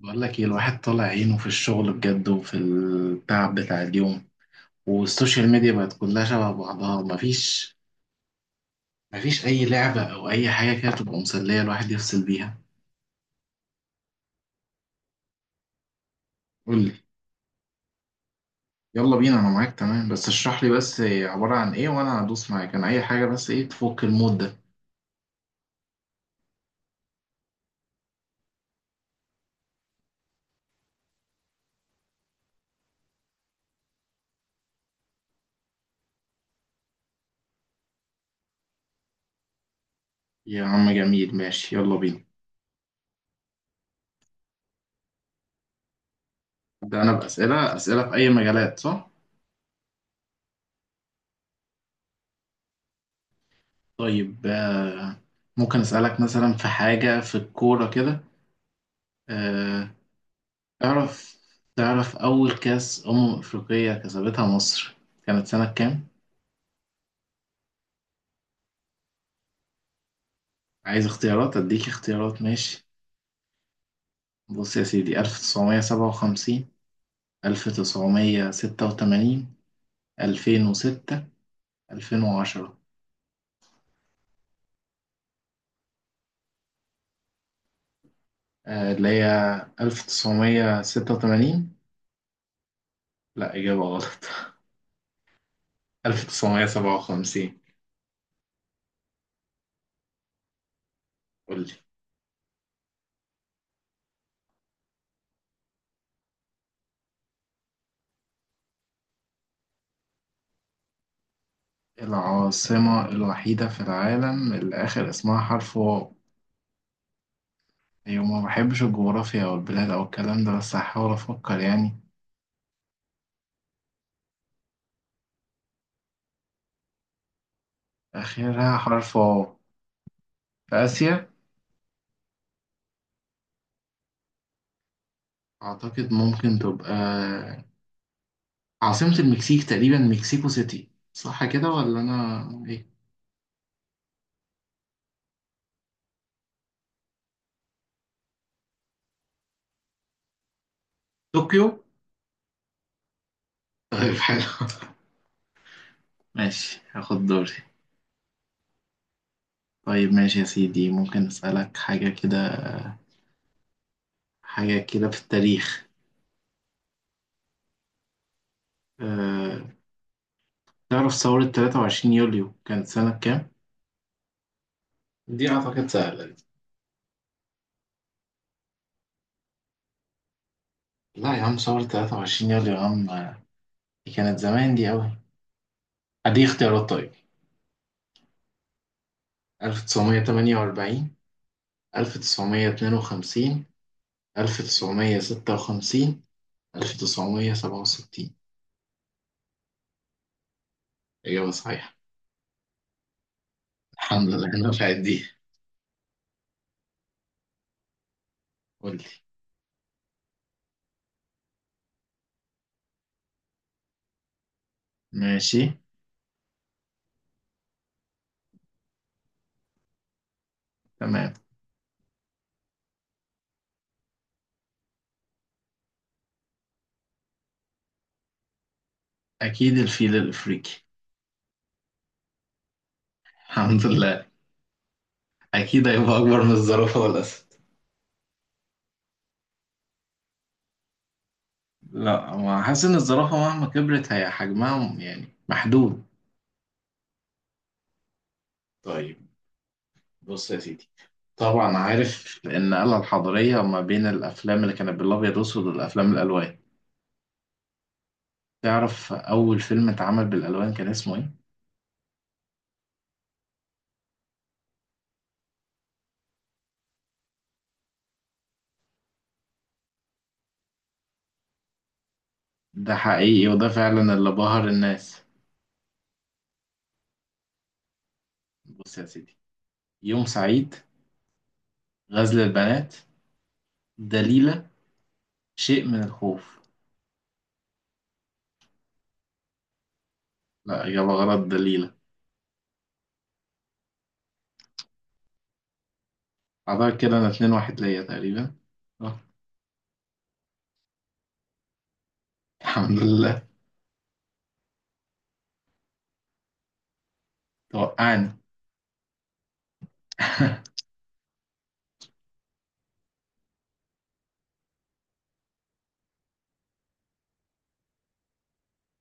بقول لك ايه، الواحد طالع عينه في الشغل بجد وفي التعب بتاع اليوم، والسوشيال ميديا بقت كلها شبه بعضها. مفيش اي لعبة او اي حاجة كده تبقى مسلية الواحد يفصل بيها. قول لي. يلا بينا انا معاك، تمام، بس اشرح لي بس عبارة عن ايه وانا هدوس معاك انا اي حاجة، بس ايه تفك المود ده. يا عم جميل، ماشي يلا بينا. ده انا بأسئلة، اسئلة في اي مجالات صح؟ طيب ممكن اسألك مثلا في حاجة في الكورة كده. آه، تعرف تعرف أول كأس أمم أفريقية كسبتها مصر كانت سنة كام؟ عايز اختيارات؟ أديك اختيارات ماشي. بص يا سيدي، ألف تسعمية سبعة وخمسين، ألف تسعمية ستة وتمانين، ألفين وستة، ألفين وعشرة. اللي هي ألف تسعمية ستة وتمانين. لأ، إجابة غلط. ألف تسعمية سبعة وخمسين. قولي. العاصمة الوحيدة في العالم اللي آخر اسمها حرف واو؟ أيوة، ما بحبش الجغرافيا أو البلاد أو الكلام ده، بس هحاول أفكر يعني. آخرها حرف واو، في آسيا. أعتقد ممكن تبقى عاصمة المكسيك، تقريبا مكسيكو سيتي صح كده ولا أنا إيه؟ طوكيو. طيب حلو. ماشي هاخد دوري. طيب ماشي يا سيدي، ممكن أسألك حاجة كده، حاجة كده في التاريخ. أه... تعرف ثورة 23 يوليو كانت سنة كام؟ دي أعتقد سهلة دي. لا يا عم، ثورة 23 يوليو يا عم، دي كانت زمان دي أوي. أدي اختيارات طيب: 1948، ألف تسعمية اتنين وخمسين، ألف تسعمية ستة وخمسين، ألف تسعمية سبعة وستين. إجابة صحيحة. الحمد لله أنا نفعت دي. قولي. ماشي. تمام. أكيد الفيل الأفريقي. الحمد لله. أكيد هيبقى أكبر من الزرافة والأسد. لا، هو حاسس إن الزرافة مهما كبرت هي حجمها يعني محدود. طيب بص يا سيدي، طبعا عارف النقلة الحضارية ما بين الأفلام اللي كانت بالأبيض وأسود والأفلام الألوان. تعرف أول فيلم اتعمل بالألوان كان اسمه إيه؟ ده حقيقي وده فعلا اللي بهر الناس. بص يا سيدي: يوم سعيد، غزل البنات، دليلة، شيء من الخوف. لا إجابة غلط، دليلة. أعتقد كده أنا اتنين واحد ليا تقريبا. أه. الحمد لله. توقعني.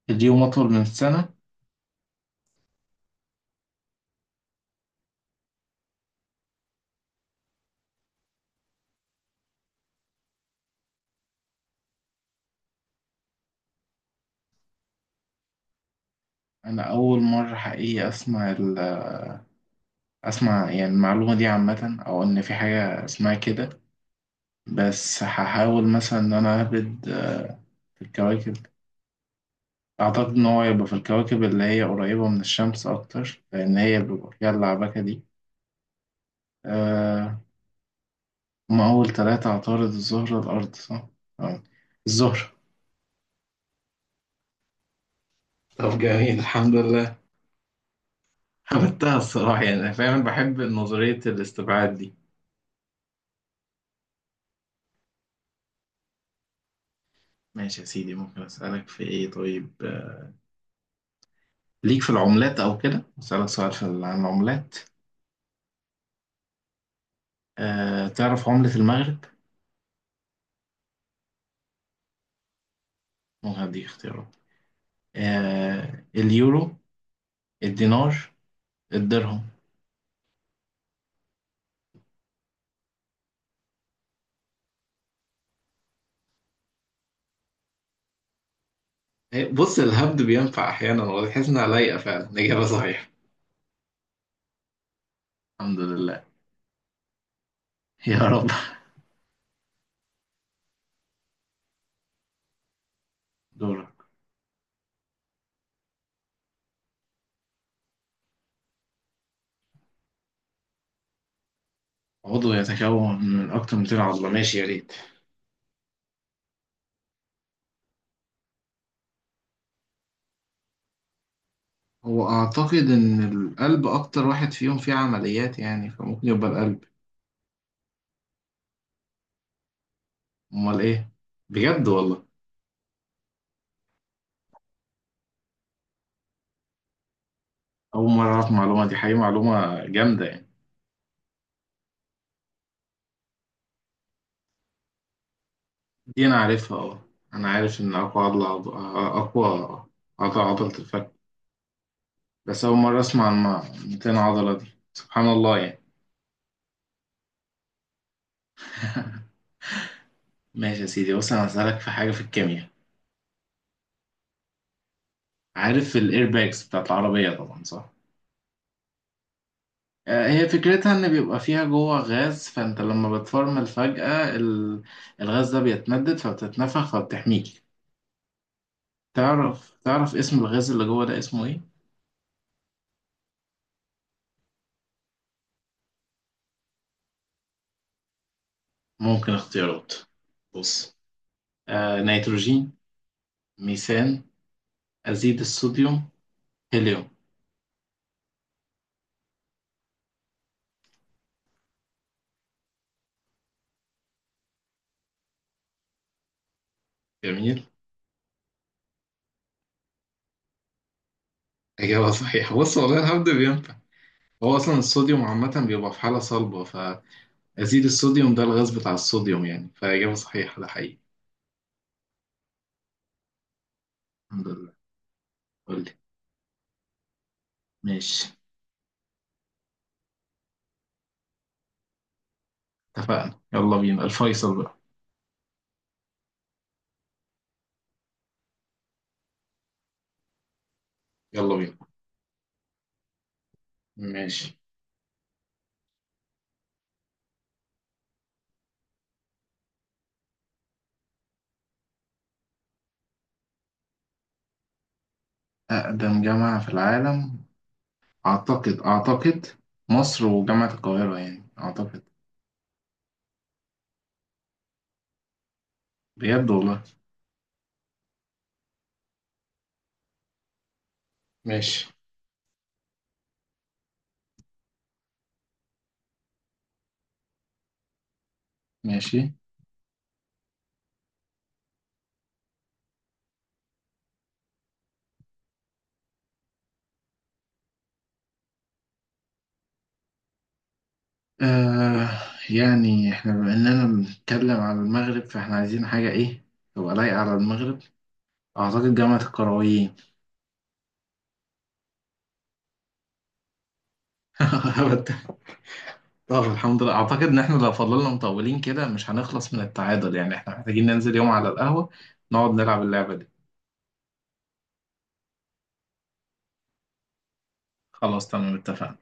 اليوم أطول من السنة. أنا أول مرة حقيقي أسمع أسمع يعني المعلومة دي عامة أو إن في حاجة اسمها كده. بس هحاول مثلا إن أنا أهبد في الكواكب. أعتقد إن هو يبقى في الكواكب اللي هي قريبة من الشمس أكتر، لأن هي بيبقى فيها اللعبكة دي. أه. هما أول تلاتة: عطارد، الزهرة، الأرض صح؟ أه. الزهرة. طب جميل، الحمد لله. عملتها الصراحة يعني، أنا فعلا بحب نظرية الاستبعاد دي. ماشي يا سيدي، ممكن أسألك في إيه طيب، ليك في العملات أو كده، أسألك سؤال في عن العملات. أه، تعرف عملة المغرب؟ ممكن أديك اختيارات. أه: اليورو، الدينار، الدرهم. بص، الهبد بينفع احيانا وتحس انها لايقه فعلا، الاجابه صحيحه. الحمد لله. يا رب. دورك. عضو يتكون من اكتر من 200 عضله، ماشي يا ريت. هو اعتقد ان القلب اكتر واحد فيهم فيه عمليات يعني، فممكن يبقى القلب. امال ايه؟ بجد والله. اول مره اعرف المعلومه دي، حقيقه معلومه جامده يعني. دي انا عارفها، اه. انا عارف ان اقوى اقوى عضله عضله الفك. بس اول مره اسمع عن 200 عضله دي. سبحان الله يعني. ماشي يا سيدي، بص انا هسألك في حاجة في الكيمياء. عارف الايرباكس بتاعت العربية طبعا صح؟ هي فكرتها ان بيبقى فيها جوه غاز، فانت لما بتفرمل فجأة الغاز ده بيتمدد فبتتنفخ فبتحميك. تعرف اسم الغاز اللي جوه ده اسمه ايه؟ ممكن اختيارات. بص: آه نيتروجين، ميثان، أزيد الصوديوم، هيليوم. جميل. إجابة صحيحة، بص والله الحمد لله بينفع. هو أصلا الصوديوم عامة بيبقى في حالة صلبة. أزيد الصوديوم ده الغاز بتاع الصوديوم يعني، فإجابة صحيحة ده حقيقي. الحمد لله. قول لي. ماشي، اتفقنا، يلا بينا، الفيصل بقى. يلا بينا. ماشي. أقدم جامعة في العالم؟ أعتقد مصر وجامعة القاهرة يعني أعتقد. بجد والله. ماشي. ماشي. آه، يعني احنا بما إننا بنتكلم على المغرب فاحنا عايزين حاجة إيه تبقى لايقة على المغرب. أعتقد جامعة القرويين. اه الحمد لله. اعتقد ان احنا لو فضلنا مطولين كده مش هنخلص من التعادل، يعني احنا محتاجين ننزل يوم على القهوة نقعد نلعب اللعبة دي. خلاص تمام، اتفقنا.